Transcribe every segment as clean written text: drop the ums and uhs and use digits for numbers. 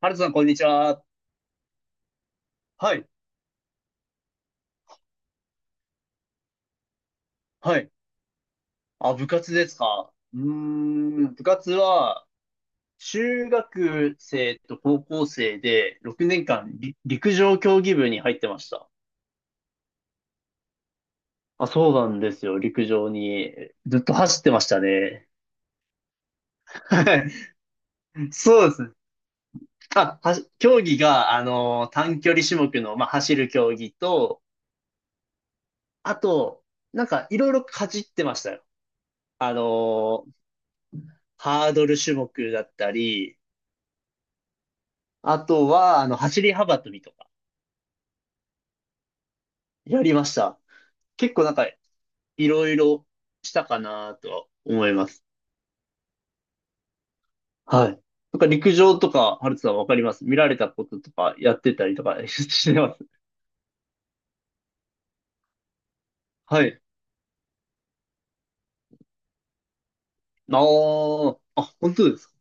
ハルトさん、こんにちは。はい、はい。あ、部活ですか。うーん、部活は、中学生と高校生で6年間り陸上競技部に入ってました。あ、そうなんですよ。陸上に。ずっと走ってましたね。はい。そうですね。あ、競技が、短距離種目の、まあ、走る競技と、あと、なんか、いろいろかじってましたよ。あのーハードル種目だったり、あとは、あの、走り幅跳びとか、やりました。結構なんか、いろいろしたかなとは思います。はい。なんか陸上とか、ハルトさんわかります見られたこととか、やってたりとか してます？はい。あー、あ、本当ですか？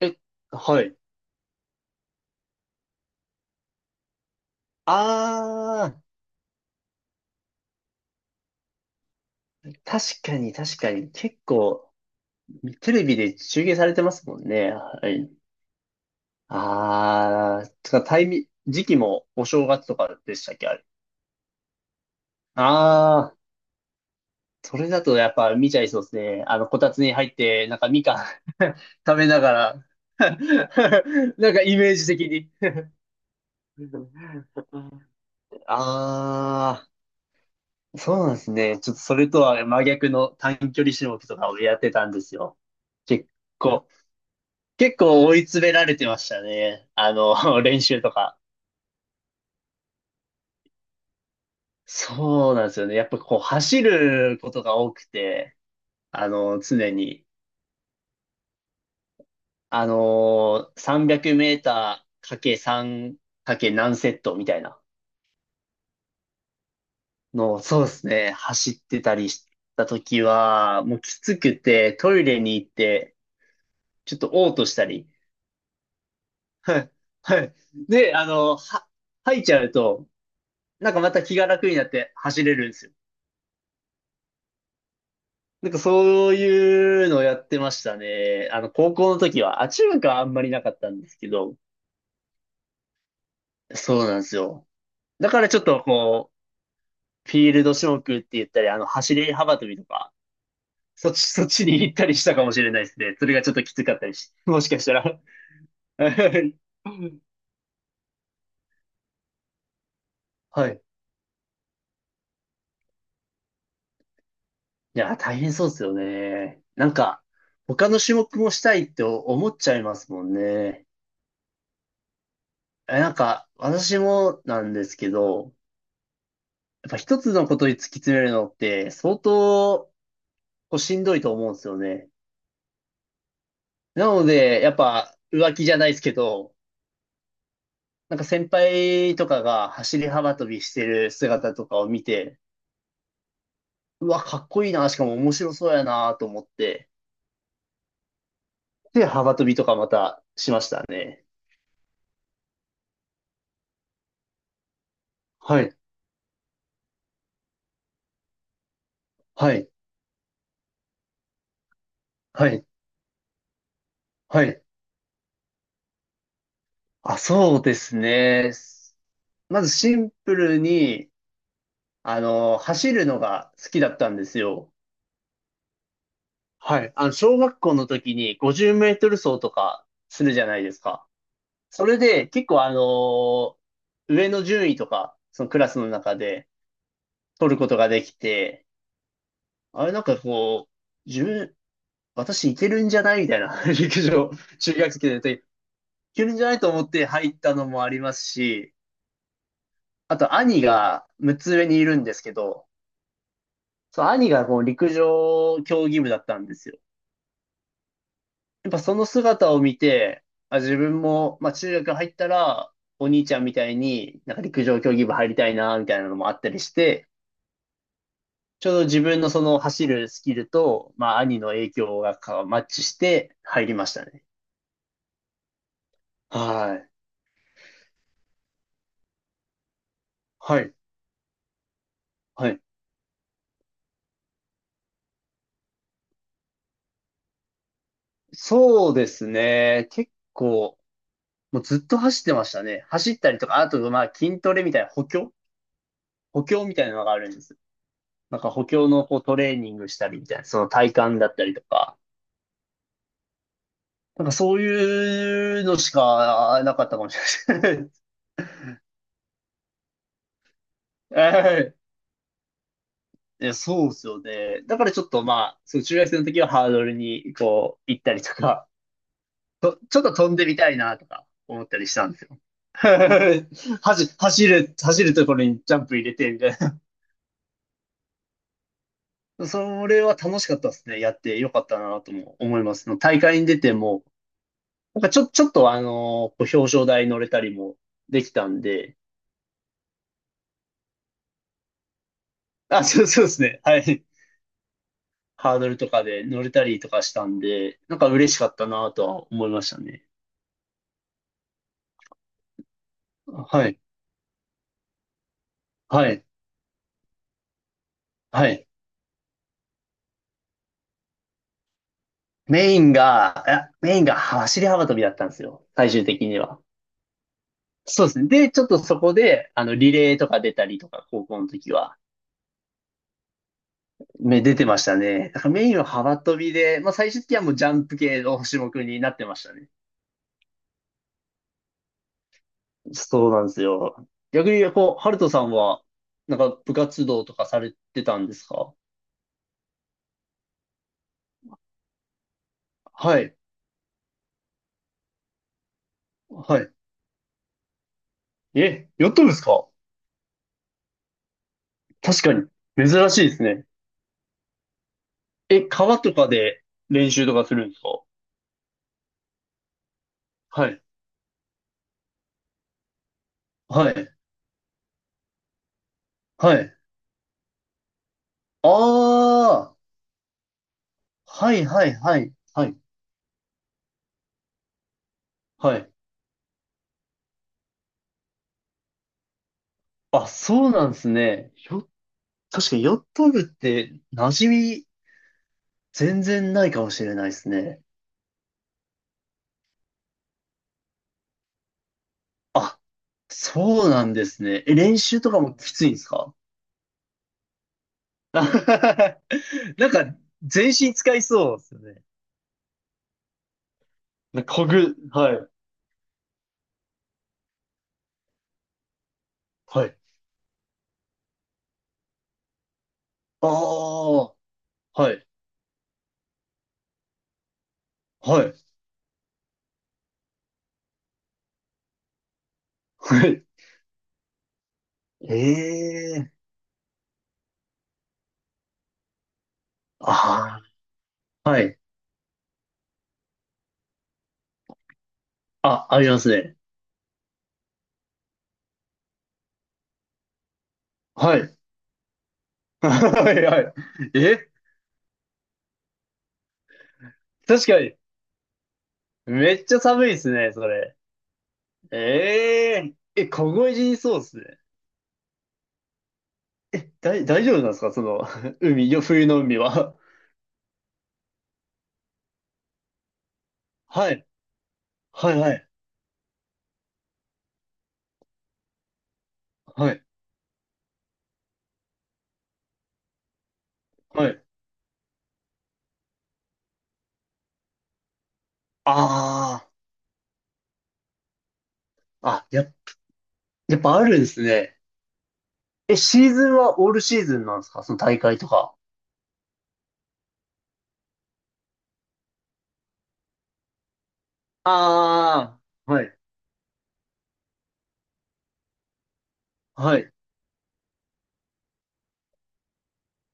え、はい。あー、確かに確かに。結構、テレビで中継されてますもんね。はい。あー、つかタイミ、時期もお正月とかでしたっけ、あれ？あ、それだとやっぱ見ちゃいそうですね。あの、こたつに入って、なんかみかん 食べながら なんかイメージ的に。ああ、そうなんですね。ちょっとそれとは真逆の短距離種目とかをやってたんですよ。結構、結構追い詰められてましたね。あの、練習とか。そうなんですよね。やっぱこう走ることが多くて、あの、常に。300メーターかけ3かけ何セットみたいなのを、そうですね、走ってたりした時は、もうきつくて、トイレに行って、ちょっと嘔吐したり、はい、はい。で、吐いちゃうと、なんかまた気が楽になって走れるんですよ。なんかそういうのをやってましたね。あの、高校の時は、あ、中学はあんまりなかったんですけど、そうなんですよ。だからちょっとフィールド種目って言ったり、あの、走り幅跳びとか、そっち、そっちに行ったりしたかもしれないですね。それがちょっときつかったりし、もしかしたら。 はい。いや、大変そうですよね。なんか、他の種目もしたいって思っちゃいますもんね。え、なんか、私もなんですけど、やっぱ一つのことに突き詰めるのって相当こうしんどいと思うんですよね。なので、やっぱ浮気じゃないですけど、なんか先輩とかが走り幅跳びしてる姿とかを見て、うわ、かっこいいな、しかも面白そうやなと思って、で、幅跳びとかまたしましたね。はい、はい、はい、はい。あ、そうですね。まずシンプルに、あの、走るのが好きだったんですよ。はい。あの、小学校の時に50メートル走とかするじゃないですか。それで結構あの、上の順位とか、そのクラスの中で、取ることができて、あれなんかこう、私いけるんじゃないみたいな、陸上、中学生でいけるんじゃないと思って入ったのもありますし、あと兄が6つ上にいるんですけど、そう、兄がこう陸上競技部だったんですよ。やっぱその姿を見て、あ、自分も、まあ中学入ったら、お兄ちゃんみたいになんか陸上競技部入りたいな、みたいなのもあったりして、ちょうど自分のその走るスキルと、まあ兄の影響がかマッチして入りましたね。はい。はい。はい。そうですね。結構、もうずっと走ってましたね。走ったりとか、あとまあ筋トレみたいな補強みたいなのがあるんです。なんか補強のこうトレーニングしたりみたいな、その体幹だったりとか。なんかそういうのしかなかったかもしれない。え、そうですよね。だからちょっとまあ、その中学生の時はハードルにこう行ったりとか、と、ちょっと飛んでみたいなとか思ったりしたんですよ。走るところにジャンプ入れてみたいな。それは楽しかったですね。やってよかったなとも思います。その大会に出ても、なんかちょっとあのこう表彰台乗れたりもできたんで、あ、そうですね。はい。ハードルとかで乗れたりとかしたんで、なんか嬉しかったなとは思いましたね。はい。はい。はい。メインが、いやメインが走り幅跳びだったんですよ。最終的には。そうですね。で、ちょっとそこで、あの、リレーとか出たりとか、高校の時は、出てましたね。だからメインは幅跳びで、まあ最終的にはもうジャンプ系の種目になってましたね。そうなんですよ。逆に、こう、ハルトさんは、なんか部活動とかされてたんですか？はい。はい。え、やったんですか？確かに。珍しいですね。え、川とかで練習とかするんですか？はい。はい。はい。ああ、はいはいはい、はい、はい。あ、そうなんですね。確かにヨット部って馴染み全然ないかもしれないですね。あ、そうなんですね。え、練習とかもきついんですか？ なんか、全身使いそうですよね。なこぐ、はい、はい。ああ、はい、はい、はい。ええー、ああ、はい。あ、ありますね。はい。はい、はい。え、確かに、めっちゃ寒いですね、それ。えええ、凍え死にそうですね。え、大丈夫なんですか？その、冬の海は。はい、はい、はい、はい、はい。ああ、あ、やっぱあるんですね。え、シーズンはオールシーズンなんですか？その大会とか。ああ、はい、はい、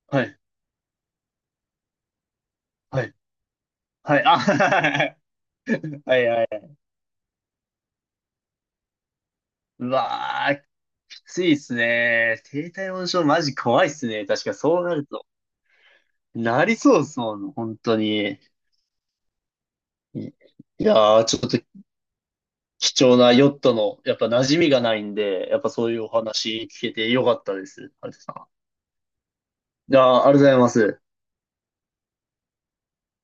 はい、はい、はい、あ、はい、はい。うわあ、きついっすね。低体温症マジ怖いっすね。確かそうなると。なりそうですもん、本当に。いいやー、ちょっと貴重なヨットの、やっぱ馴染みがないんで、やっぱそういうお話聞けてよかったです。あれさん。いやー、ありがとうございます。